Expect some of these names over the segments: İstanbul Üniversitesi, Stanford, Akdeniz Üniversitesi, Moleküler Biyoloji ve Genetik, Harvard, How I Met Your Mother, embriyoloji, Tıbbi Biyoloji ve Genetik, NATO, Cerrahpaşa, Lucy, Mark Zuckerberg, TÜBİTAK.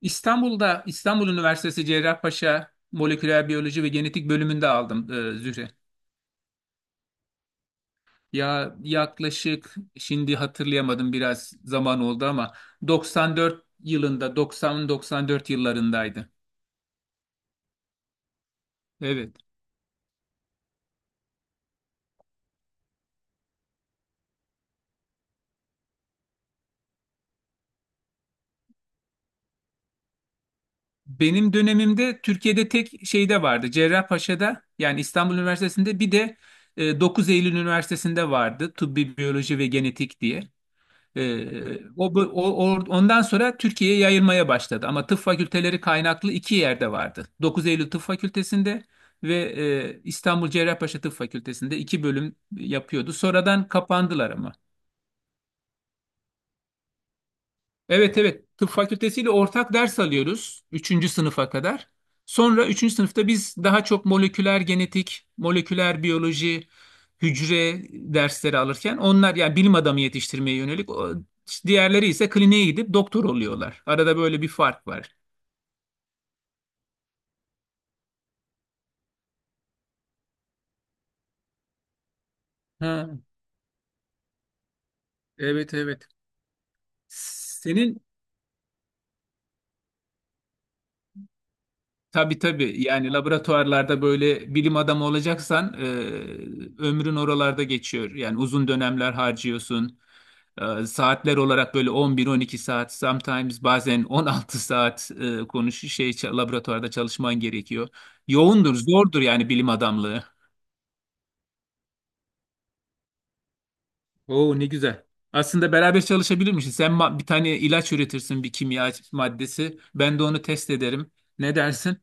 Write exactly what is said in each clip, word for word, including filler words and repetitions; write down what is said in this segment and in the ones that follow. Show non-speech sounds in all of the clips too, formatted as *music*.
İstanbul'da İstanbul Üniversitesi Cerrahpaşa Moleküler Biyoloji ve Genetik bölümünde aldım e, Zühre. Ya yaklaşık şimdi hatırlayamadım, biraz zaman oldu ama doksan dört yılında, doksan doksan dört yıllarındaydı. Evet. Benim dönemimde Türkiye'de tek şeyde vardı. Cerrahpaşa'da yani İstanbul Üniversitesi'nde, bir de e, dokuz Eylül Üniversitesi'nde vardı. Tıbbi Biyoloji ve Genetik diye. Ee, o, bu- o, o- Ondan sonra Türkiye'ye yayılmaya başladı. Ama tıp fakülteleri kaynaklı iki yerde vardı. dokuz Eylül Tıp Fakültesi'nde ve e, İstanbul Cerrahpaşa Tıp Fakültesi'nde iki bölüm yapıyordu. Sonradan kapandılar ama. Evet, evet, tıp fakültesiyle ortak ders alıyoruz üçüncü sınıfa kadar. Sonra üçüncü sınıfta biz daha çok moleküler genetik, moleküler biyoloji, hücre dersleri alırken, onlar yani bilim adamı yetiştirmeye yönelik o- diğerleri ise kliniğe gidip doktor oluyorlar. Arada böyle bir fark var. Ha, evet, evet. Senin. Tabii, tabii, yani laboratuvarlarda böyle bilim adamı olacaksan e, ömrün oralarda geçiyor. Yani uzun dönemler harcıyorsun. E, saatler olarak böyle on bir on iki saat, sometimes bazen on altı saat e, konuşu şey ça- laboratuvarda çalışman gerekiyor. Yoğundur, zordur yani bilim adamlığı. Oo, ne güzel. Aslında beraber çalışabilirmişiz. Sen ma- bir tane ilaç üretirsin, bir kimya maddesi. Ben de onu test ederim. Ne dersin?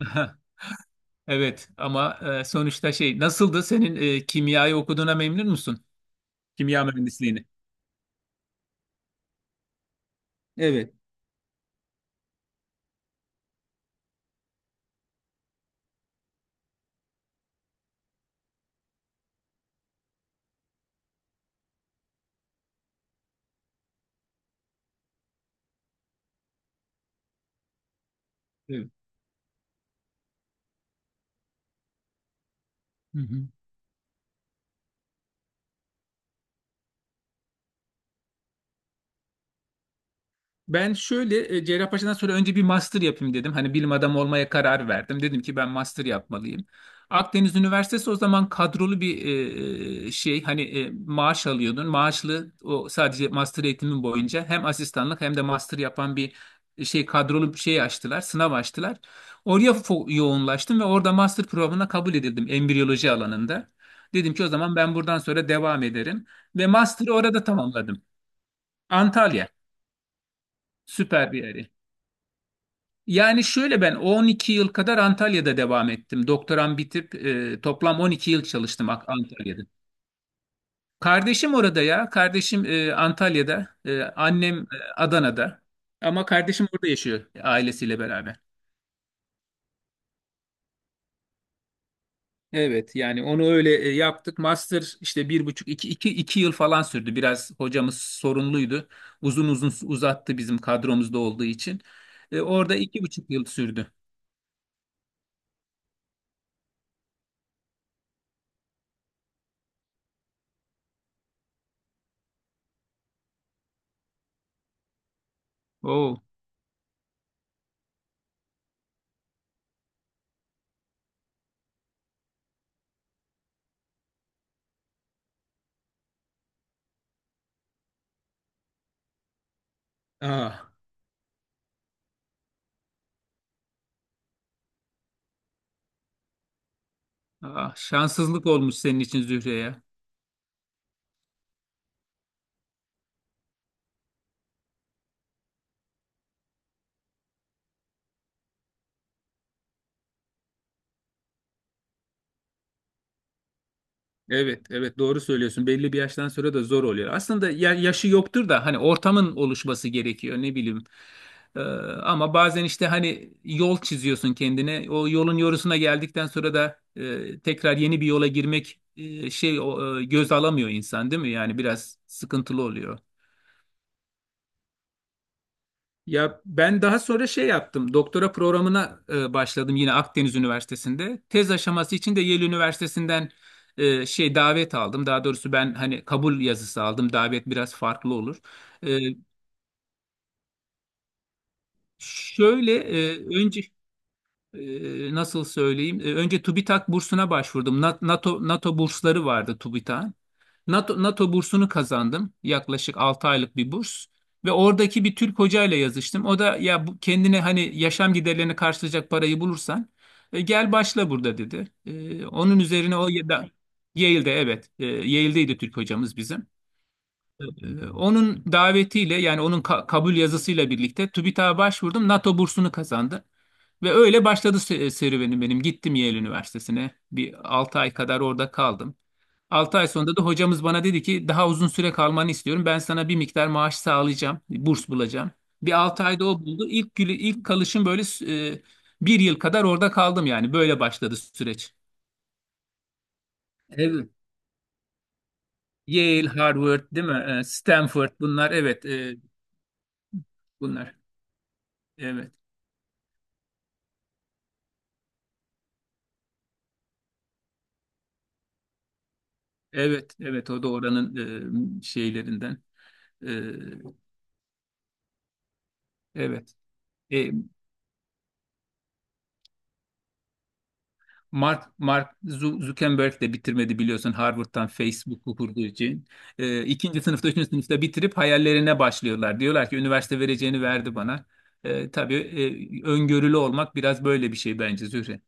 *laughs* Evet ama e, sonuçta şey nasıldı senin e, kimyayı okuduğuna memnun musun? Kimya mühendisliğini. Evet. Evet. Hı hı. Ben şöyle e, Cerrahpaşa'dan sonra önce bir master yapayım dedim. Hani bilim adamı olmaya karar verdim. Dedim ki ben master yapmalıyım. Akdeniz Üniversitesi o zaman kadrolu bir e, e, şey, hani e, maaş alıyordun. Maaşlı, o sadece master eğitimin boyunca hem asistanlık hem de master yapan bir e, şey, kadrolu bir şey açtılar. Sınav açtılar. Oraya fo- yoğunlaştım ve orada master programına kabul edildim embriyoloji alanında. Dedim ki o zaman ben buradan sonra devam ederim ve master'ı orada tamamladım. Antalya süper bir yer. Yani şöyle, ben on iki yıl kadar Antalya'da devam ettim. Doktoram bitip e, toplam on iki yıl çalıştım Ak- Antalya'da. Kardeşim orada ya. Kardeşim e, Antalya'da. E, annem e, Adana'da. Ama kardeşim orada yaşıyor ailesiyle beraber. Evet, yani onu öyle e, yaptık. Master işte bir buçuk iki, iki, iki, yıl falan sürdü. Biraz hocamız sorunluydu. Uzun uzun uzattı bizim kadromuzda olduğu için. E, orada iki buçuk yıl sürdü. Oo. Aa. Ah, şanssızlık olmuş senin için Zühre ya. Evet, evet, doğru söylüyorsun. Belli bir yaştan sonra da zor oluyor. Aslında ya- yaşı yoktur da, hani ortamın oluşması gerekiyor, ne bileyim. Ee, Ama bazen işte hani yol çiziyorsun kendine. O yolun yorusuna geldikten sonra da e, tekrar yeni bir yola girmek e, şey o, e, göz alamıyor insan, değil mi? Yani biraz sıkıntılı oluyor. Ya ben daha sonra şey yaptım. Doktora programına e, başladım yine Akdeniz Üniversitesi'nde. Tez aşaması için de Yale Üniversitesi'nden e, şey, davet aldım. Daha doğrusu ben hani kabul yazısı aldım. Davet biraz farklı olur. E, şöyle e, önce e, nasıl söyleyeyim? E, önce TÜBİTAK bursuna başvurdum. Na- NATO NATO bursları vardı TÜBİTAK'ın. NATO NATO bursunu kazandım. Yaklaşık altı aylık bir burs. Ve oradaki bir Türk hocayla yazıştım. O da, ya bu, kendine hani yaşam giderlerini karşılayacak parayı bulursan e, gel başla burada dedi. E, onun üzerine, o ya da Yale'de, evet. E, Yale'deydi Türk hocamız bizim. E, onun davetiyle, yani onun ka- kabul yazısıyla birlikte TÜBİTAK'a başvurdum. NATO bursunu kazandı. Ve öyle başladı se- serüvenim benim. Gittim Yale Üniversitesi'ne. Bir altı ay kadar orada kaldım. altı ay sonunda da hocamız bana dedi ki daha uzun süre kalmanı istiyorum. Ben sana bir miktar maaş sağlayacağım. Burs bulacağım. Bir altı ayda o buldu. İlk, gülü- ilk kalışım böyle e, bir yıl kadar orada kaldım yani. Böyle başladı süreç. Evet. Yale, Harvard, değil mi? E, Stanford, bunlar, evet, e, bunlar. Evet. Evet, evet, o da oranın e, şeylerinden. E, evet. E, Mark, Mark Zu- Zuckerberg de bitirmedi, biliyorsun, Harvard'dan Facebook'u kurduğu için. Ee, ikinci sınıfta, üçüncü sınıfta bitirip hayallerine başlıyorlar. Diyorlar ki üniversite vereceğini verdi bana. Ee, tabii e, öngörülü olmak biraz böyle bir şey bence Zühre.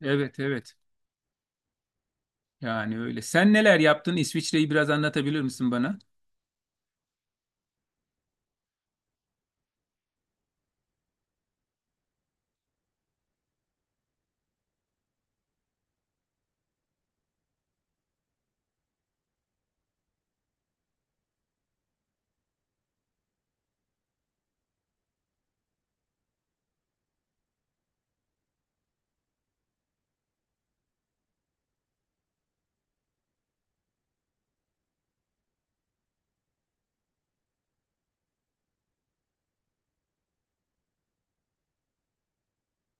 Evet, evet, yani öyle. Sen neler yaptın? İsviçre'yi biraz anlatabilir misin bana?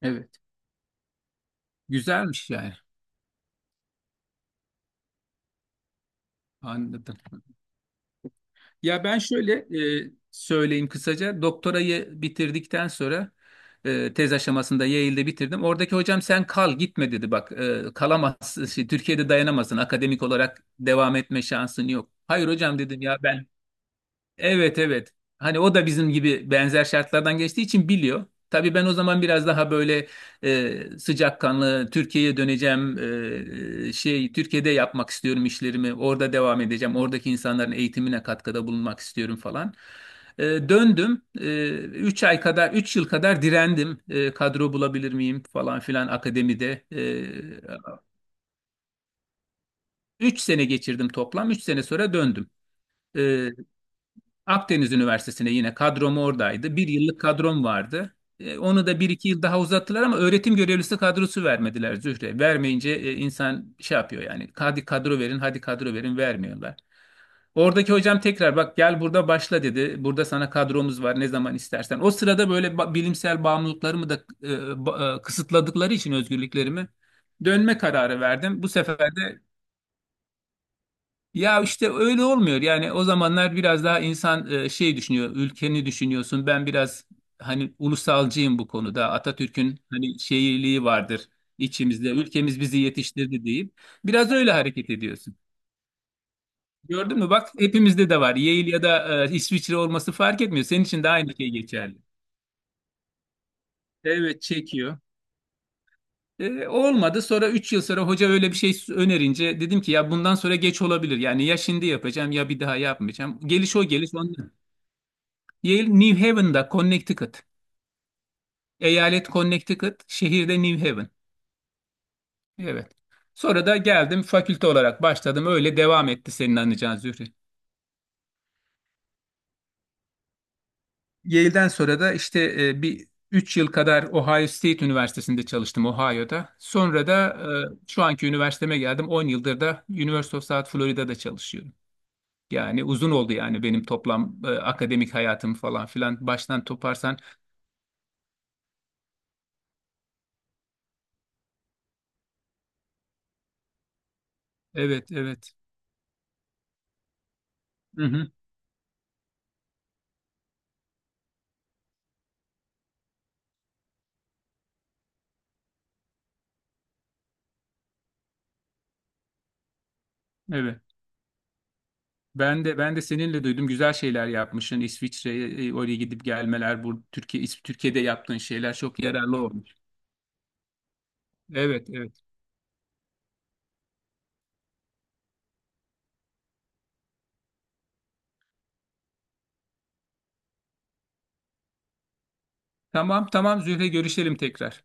Evet. Güzelmiş yani. Anladım. Ya ben şöyle e, söyleyeyim kısaca. Doktorayı bitirdikten sonra e, tez aşamasında Yale'de bitirdim. Oradaki hocam, sen kal, gitme dedi. Bak, e, kalamazsın. Şey, Türkiye'de dayanamazsın. Akademik olarak devam etme şansın yok. Hayır hocam, dedim, ya ben. Evet, evet. Hani o da bizim gibi benzer şartlardan geçtiği için biliyor. Tabii ben o zaman biraz daha böyle e, sıcakkanlı Türkiye'ye döneceğim, e, şey Türkiye'de yapmak istiyorum işlerimi, orada devam edeceğim, oradaki insanların eğitimine katkıda bulunmak istiyorum falan. E, döndüm. E, üç ay kadar üç yıl kadar direndim. E, kadro bulabilir miyim falan filan akademide. E, üç sene geçirdim toplam, üç sene sonra döndüm. E, Akdeniz Üniversitesi'ne, yine kadrom oradaydı. Bir yıllık kadrom vardı. E, Onu da bir iki yıl daha uzattılar ama öğretim görevlisi kadrosu vermediler Zühre. Vermeyince e, insan şey yapıyor yani. Hadi kadro verin, hadi kadro verin, vermiyorlar. Oradaki hocam tekrar, bak gel burada başla dedi. Burada sana kadromuz var ne zaman istersen. O sırada böyle ba- bilimsel bağımlılıklarımı da e, ba- e, kısıtladıkları için özgürlüklerimi, dönme kararı verdim. Bu sefer de ya, işte öyle olmuyor. Yani o zamanlar biraz daha insan e, şey düşünüyor, ülkeni düşünüyorsun. Ben biraz hani ulusalcıyım bu konuda. Atatürk'ün hani şeyliği vardır içimizde. Ülkemiz bizi yetiştirdi deyip biraz öyle hareket ediyorsun. Gördün mü? Bak, hepimizde de var. Yale ya da e, İsviçre olması fark etmiyor. Senin için de aynı şey geçerli. Evet, çekiyor. E, olmadı. Sonra üç yıl sonra hoca öyle bir şey önerince dedim ki ya bundan sonra geç olabilir. Yani ya şimdi yapacağım ya bir daha yapmayacağım. Geliş o geliş ondan. Yale New Haven'da, Connecticut. Eyalet Connecticut, şehirde New Haven. Evet. Sonra da geldim, fakülte olarak başladım. Öyle devam etti senin anlayacağın Zühre. Yale'den sonra da işte e, bir üç yıl kadar Ohio State Üniversitesi'nde çalıştım, Ohio'da. Sonra da e, şu anki üniversiteme geldim. On yıldır da University of South Florida'da çalışıyorum. Yani uzun oldu yani benim toplam e, akademik hayatım falan filan. Baştan toparsan. Evet, evet. Hı hı, evet. Ben de ben de seninle duydum, güzel şeyler yapmışsın. İsviçre'ye e, oraya gidip gelmeler, bu Türkiye İs- Türkiye'de yaptığın şeyler çok yararlı olmuş. Evet, evet. Tamam, tamam Zühre, görüşelim tekrar.